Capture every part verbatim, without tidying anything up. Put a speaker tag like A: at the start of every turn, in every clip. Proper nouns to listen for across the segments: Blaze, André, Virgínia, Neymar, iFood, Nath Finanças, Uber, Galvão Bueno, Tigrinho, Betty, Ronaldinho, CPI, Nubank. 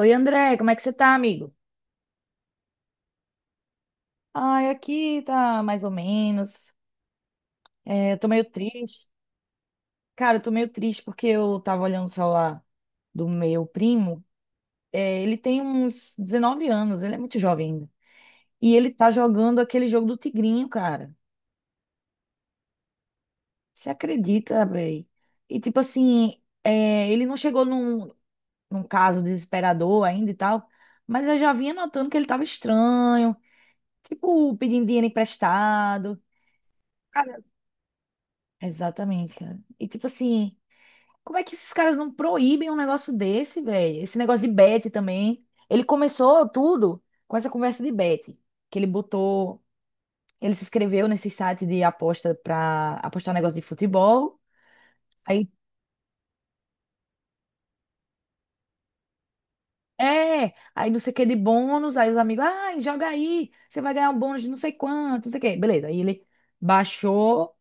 A: Oi, André, como é que você tá, amigo? Ai, aqui tá mais ou menos. É, eu tô meio triste. Cara, eu tô meio triste porque eu tava olhando o celular do meu primo. É, ele tem uns dezenove anos, ele é muito jovem ainda. E ele tá jogando aquele jogo do Tigrinho, cara. Você acredita, véi? E tipo assim, é, ele não chegou num, num caso desesperador ainda e tal, mas eu já vinha notando que ele tava estranho, tipo, pedindo dinheiro emprestado. Exatamente, cara. E tipo assim, como é que esses caras não proíbem um negócio desse, velho? Esse negócio de bet também. Ele começou tudo com essa conversa de bet, que ele botou, ele se inscreveu nesse site de aposta pra apostar negócio de futebol. Aí é, aí não sei o que de bônus, aí os amigos, ai, joga aí, você vai ganhar um bônus de não sei quanto, não sei o que. Beleza, aí ele baixou,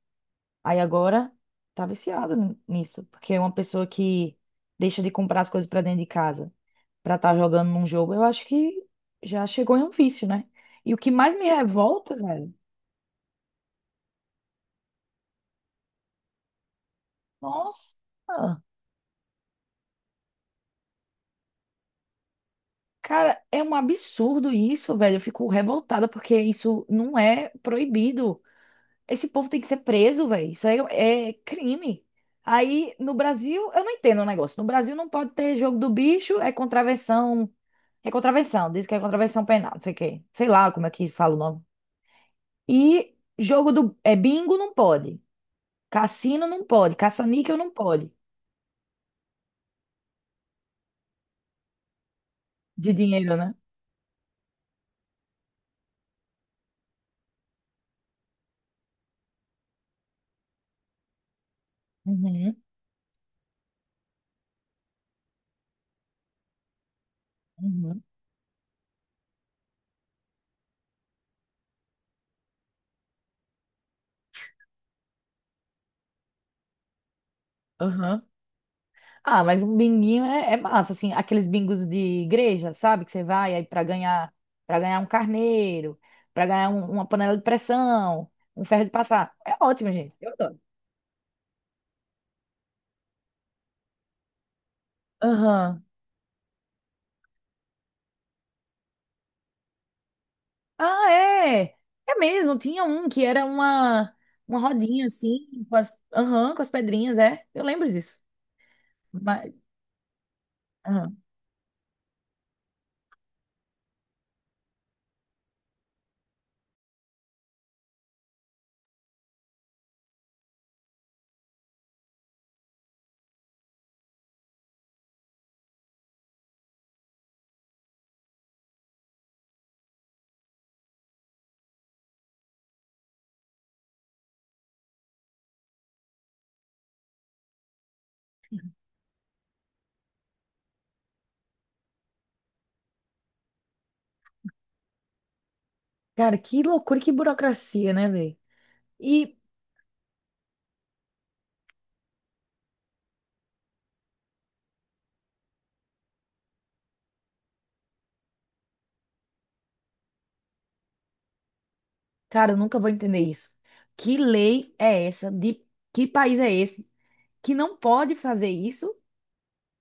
A: aí agora tá viciado n- nisso, porque é uma pessoa que deixa de comprar as coisas pra dentro de casa para estar jogando num jogo, eu acho que já chegou em um vício, né? E o que mais me revolta, velho, nossa, cara, é um absurdo isso, velho. Eu fico revoltada porque isso não é proibido. Esse povo tem que ser preso, velho. Isso aí é crime. Aí no Brasil, eu não entendo o negócio. No Brasil não pode ter jogo do bicho, é contravenção. É contravenção, diz que é contravenção penal, não sei o quê. Sei lá como é que fala o nome. E jogo do. É bingo não pode. Cassino não pode, caça-níquel não pode. De dinheiro, né? Uhum, uhum, uhum. Ah, mas um binguinho é, é massa, assim, aqueles bingos de igreja, sabe? Que você vai aí para ganhar, para ganhar um carneiro, para ganhar um- uma panela de pressão, um ferro de passar. É ótimo, gente. Eu adoro. Aham. Ah, é. É mesmo, tinha um que era uma uma rodinha assim, com as, aham, com as pedrinhas, é. Eu lembro disso. Mas, aham. Cara, que loucura, que burocracia, né, velho? E Cara, eu nunca vou entender isso. Que lei é essa? De que país é esse que não pode fazer isso,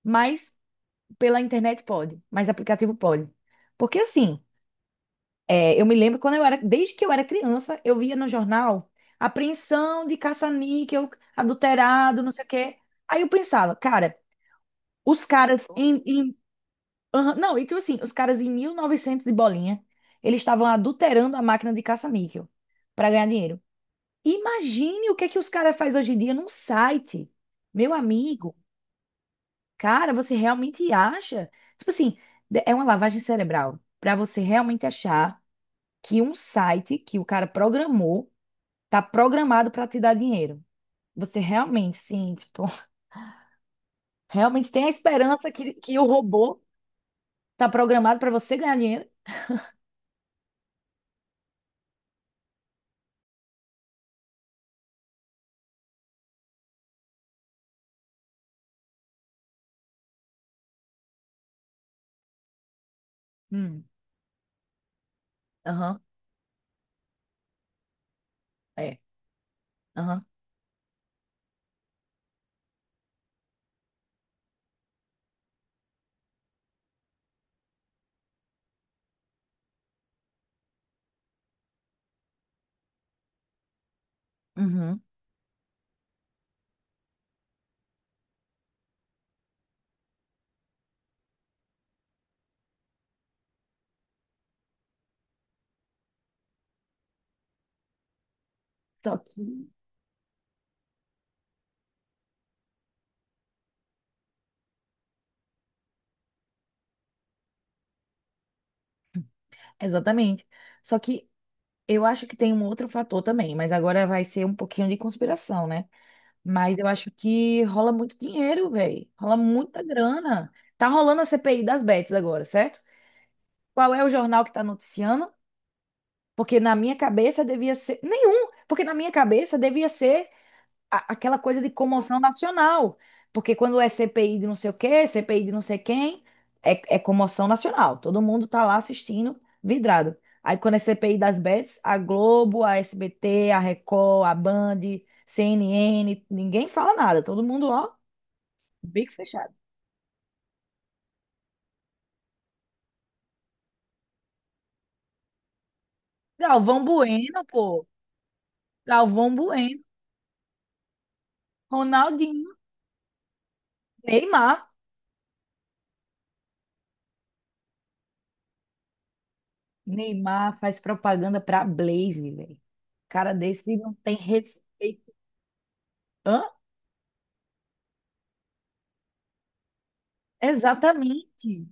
A: mas pela internet pode, mas aplicativo pode? Porque assim, é, eu me lembro quando eu era, desde que eu era criança, eu via no jornal apreensão de caça-níquel, adulterado, não sei o quê. Aí eu pensava, cara, os caras em, em- aham, não, então assim, os caras em mil e novecentos e bolinha, eles estavam adulterando a máquina de caça-níquel para ganhar dinheiro. Imagine o que é que os caras fazem hoje em dia num site. Meu amigo, cara, você realmente acha? Tipo assim, de- é uma lavagem cerebral para você realmente achar que um site que o cara programou tá programado para te dar dinheiro. Você realmente, sim, tipo, realmente tem a esperança que, que o robô tá programado para você ganhar dinheiro? Hum, aham, é, aham, uhum. Só que, exatamente. Só que Eu acho que tem um outro fator também, mas agora vai ser um pouquinho de conspiração, né? Mas eu acho que rola muito dinheiro, velho. Rola muita grana. Tá rolando a C P I das bets agora, certo? Qual é o jornal que tá noticiando? Porque na minha cabeça devia ser. Nenhum! Porque na minha cabeça devia ser a- aquela coisa de comoção nacional. Porque quando é C P I de não sei o quê, C P I de não sei quem, é, é comoção nacional. Todo mundo tá lá assistindo, vidrado. Aí quando é C P I das bets, a Globo, a S B T, a Record, a Band, C N N, ninguém fala nada. Todo mundo, ó, bico fechado. Galvão Bueno, pô. Galvão Bueno, Ronaldinho, Neymar. Neymar faz propaganda pra Blaze, velho. Cara desse não tem respeito. Hã? Exatamente.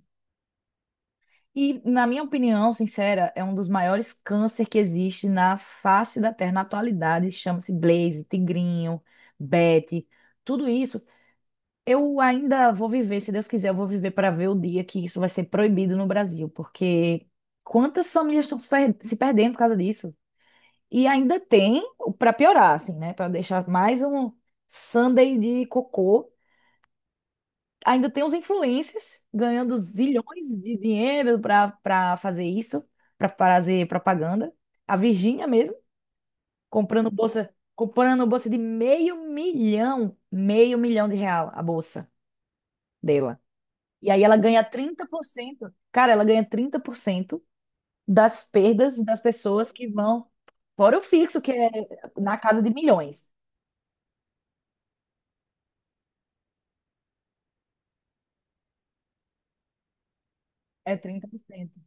A: E, na minha opinião, sincera, é um dos maiores câncer que existe na face da Terra na atualidade. Chama-se Blaze, Tigrinho, Betty, tudo isso. Eu ainda vou viver, se Deus quiser, eu vou viver para ver o dia que isso vai ser proibido no Brasil, porque quantas famílias estão se per- se perdendo por causa disso? E ainda tem, para piorar, assim, né? Para deixar mais um Sunday de cocô. Ainda tem os influencers ganhando zilhões de dinheiro para para fazer isso, para fazer propaganda. A Virgínia mesmo comprando bolsa, comprando bolsa de meio milhão, meio milhão de real a bolsa dela. E aí ela ganha trinta por cento, Cara, ela ganha trinta por cento das perdas das pessoas que vão fora o fixo, que é na casa de milhões. É trinta por cento.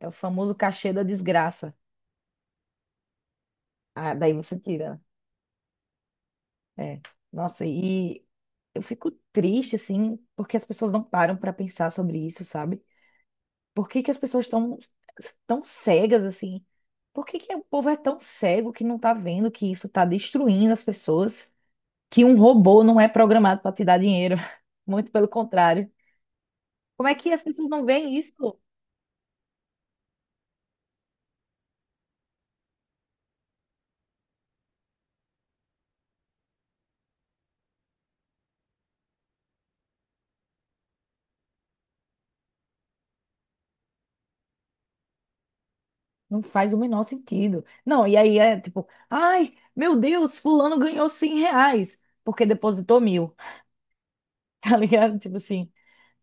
A: É o famoso cachê da desgraça. Ah, daí você tira, né? É. Nossa, e eu fico triste, assim, porque as pessoas não param pra pensar sobre isso, sabe? Por que que as pessoas estão tão tão cegas, assim? Por que que o povo é tão cego que não tá vendo que isso tá destruindo as pessoas? Que um robô não é programado pra te dar dinheiro. Muito pelo contrário. Como é que as pessoas não veem isso? Não faz o menor sentido. Não, e aí é tipo, ai, meu Deus, fulano ganhou cem reais porque depositou mil, tá ligado? Tipo assim.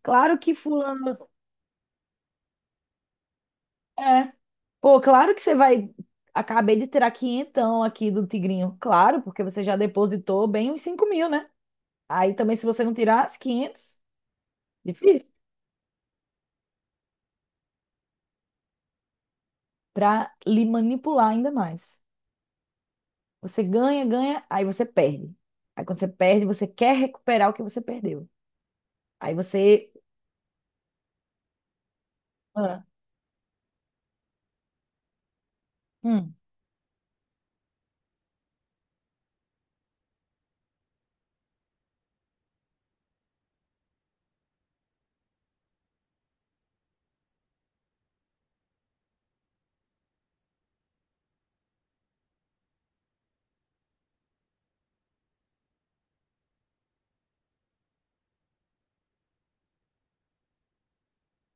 A: Claro que fulano É. Pô, claro que você vai. Acabei de tirar quinhentão aqui do Tigrinho. Claro, porque você já depositou bem uns cinco mil, né? Aí também, se você não tirar as quinhentos difícil. Pra lhe manipular ainda mais. Você ganha, ganha, aí você perde. Aí quando você perde, você quer recuperar o que você perdeu. Aí você. Ah, hum,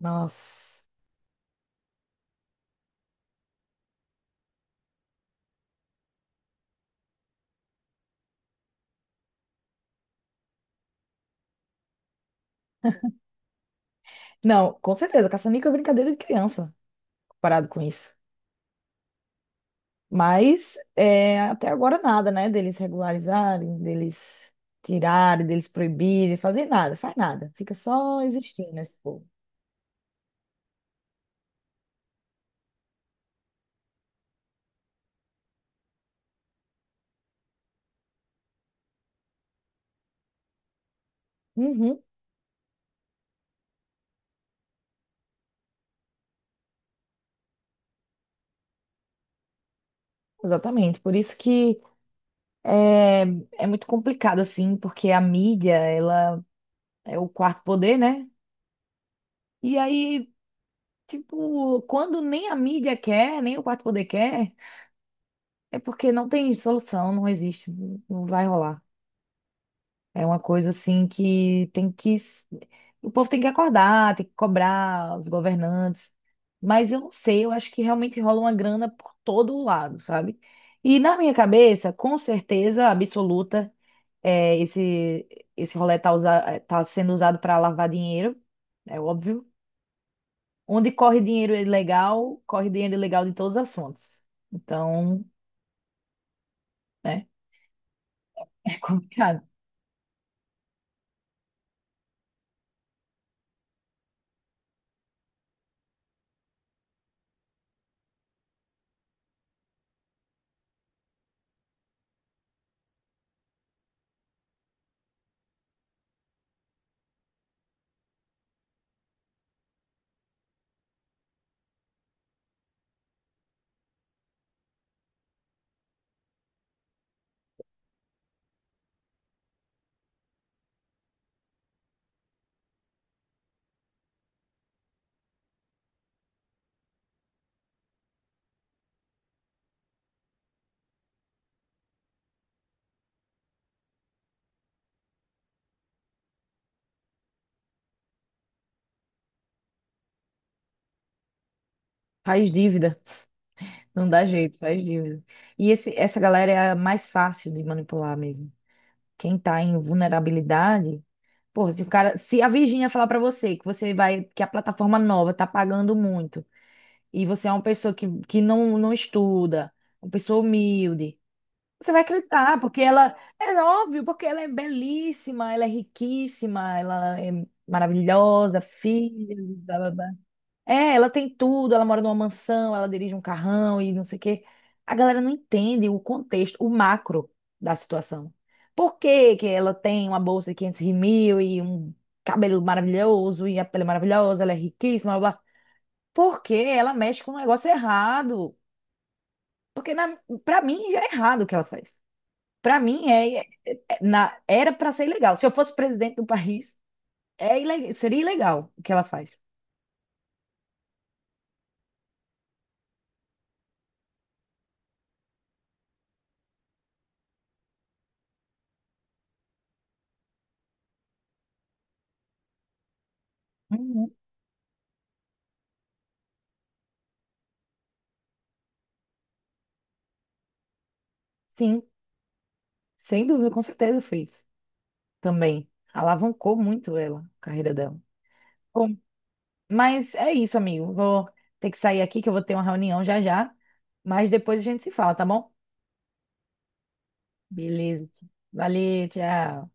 A: nossa. Não, com certeza, caça-níquel é brincadeira de criança, comparado com isso. Mas é, até agora nada, né? Deles regularizarem, deles tirarem, deles proibirem, fazer nada, faz nada. Fica só existindo esse povo. Uhum, exatamente. Por isso que é, é muito complicado, assim, porque a mídia, ela é o quarto poder, né? E aí, tipo, quando nem a mídia quer, nem o quarto poder quer, é porque não tem solução, não existe, não vai rolar. É uma coisa assim que tem que. s- O povo tem que acordar, tem que cobrar os governantes. Mas eu não sei, eu acho que realmente rola uma grana por todo lado, sabe? E na minha cabeça, com certeza absoluta, é, esse, esse rolê tá, usa- é, tá sendo usado para lavar dinheiro, é óbvio. Onde corre dinheiro ilegal, corre dinheiro ilegal de todas as fontes. Então, né, é complicado. Faz dívida. Não dá jeito, faz dívida. E esse, essa galera é a mais fácil de manipular mesmo. Quem tá em vulnerabilidade, porra, se o cara, se a Virgínia falar pra você que você vai, que a plataforma nova tá pagando muito e você é uma pessoa que, que não, não estuda, uma pessoa humilde, você vai acreditar, porque ela é óbvio, porque ela é belíssima, ela é riquíssima, ela é maravilhosa, filha, é, ela tem tudo, ela mora numa mansão, ela dirige um carrão e não sei o quê. A galera não entende o contexto, o macro da situação. Por que que ela tem uma bolsa de quinhentos mil e um cabelo maravilhoso e a pele maravilhosa, ela é riquíssima, blá, blá. Porque ela mexe com um negócio errado. Porque na, Pra mim já é errado o que ela faz. Pra mim é, é- é- na, era pra ser ilegal. Se eu fosse presidente do país, é ile- seria ilegal o que ela faz. Uhum. Sim, sem dúvida, com certeza fez. Também alavancou muito ela, a carreira dela. Bom, mas é isso, amigo. Vou ter que sair aqui, que eu vou ter uma reunião já já. Mas depois a gente se fala, tá bom? Beleza. Valeu, tchau.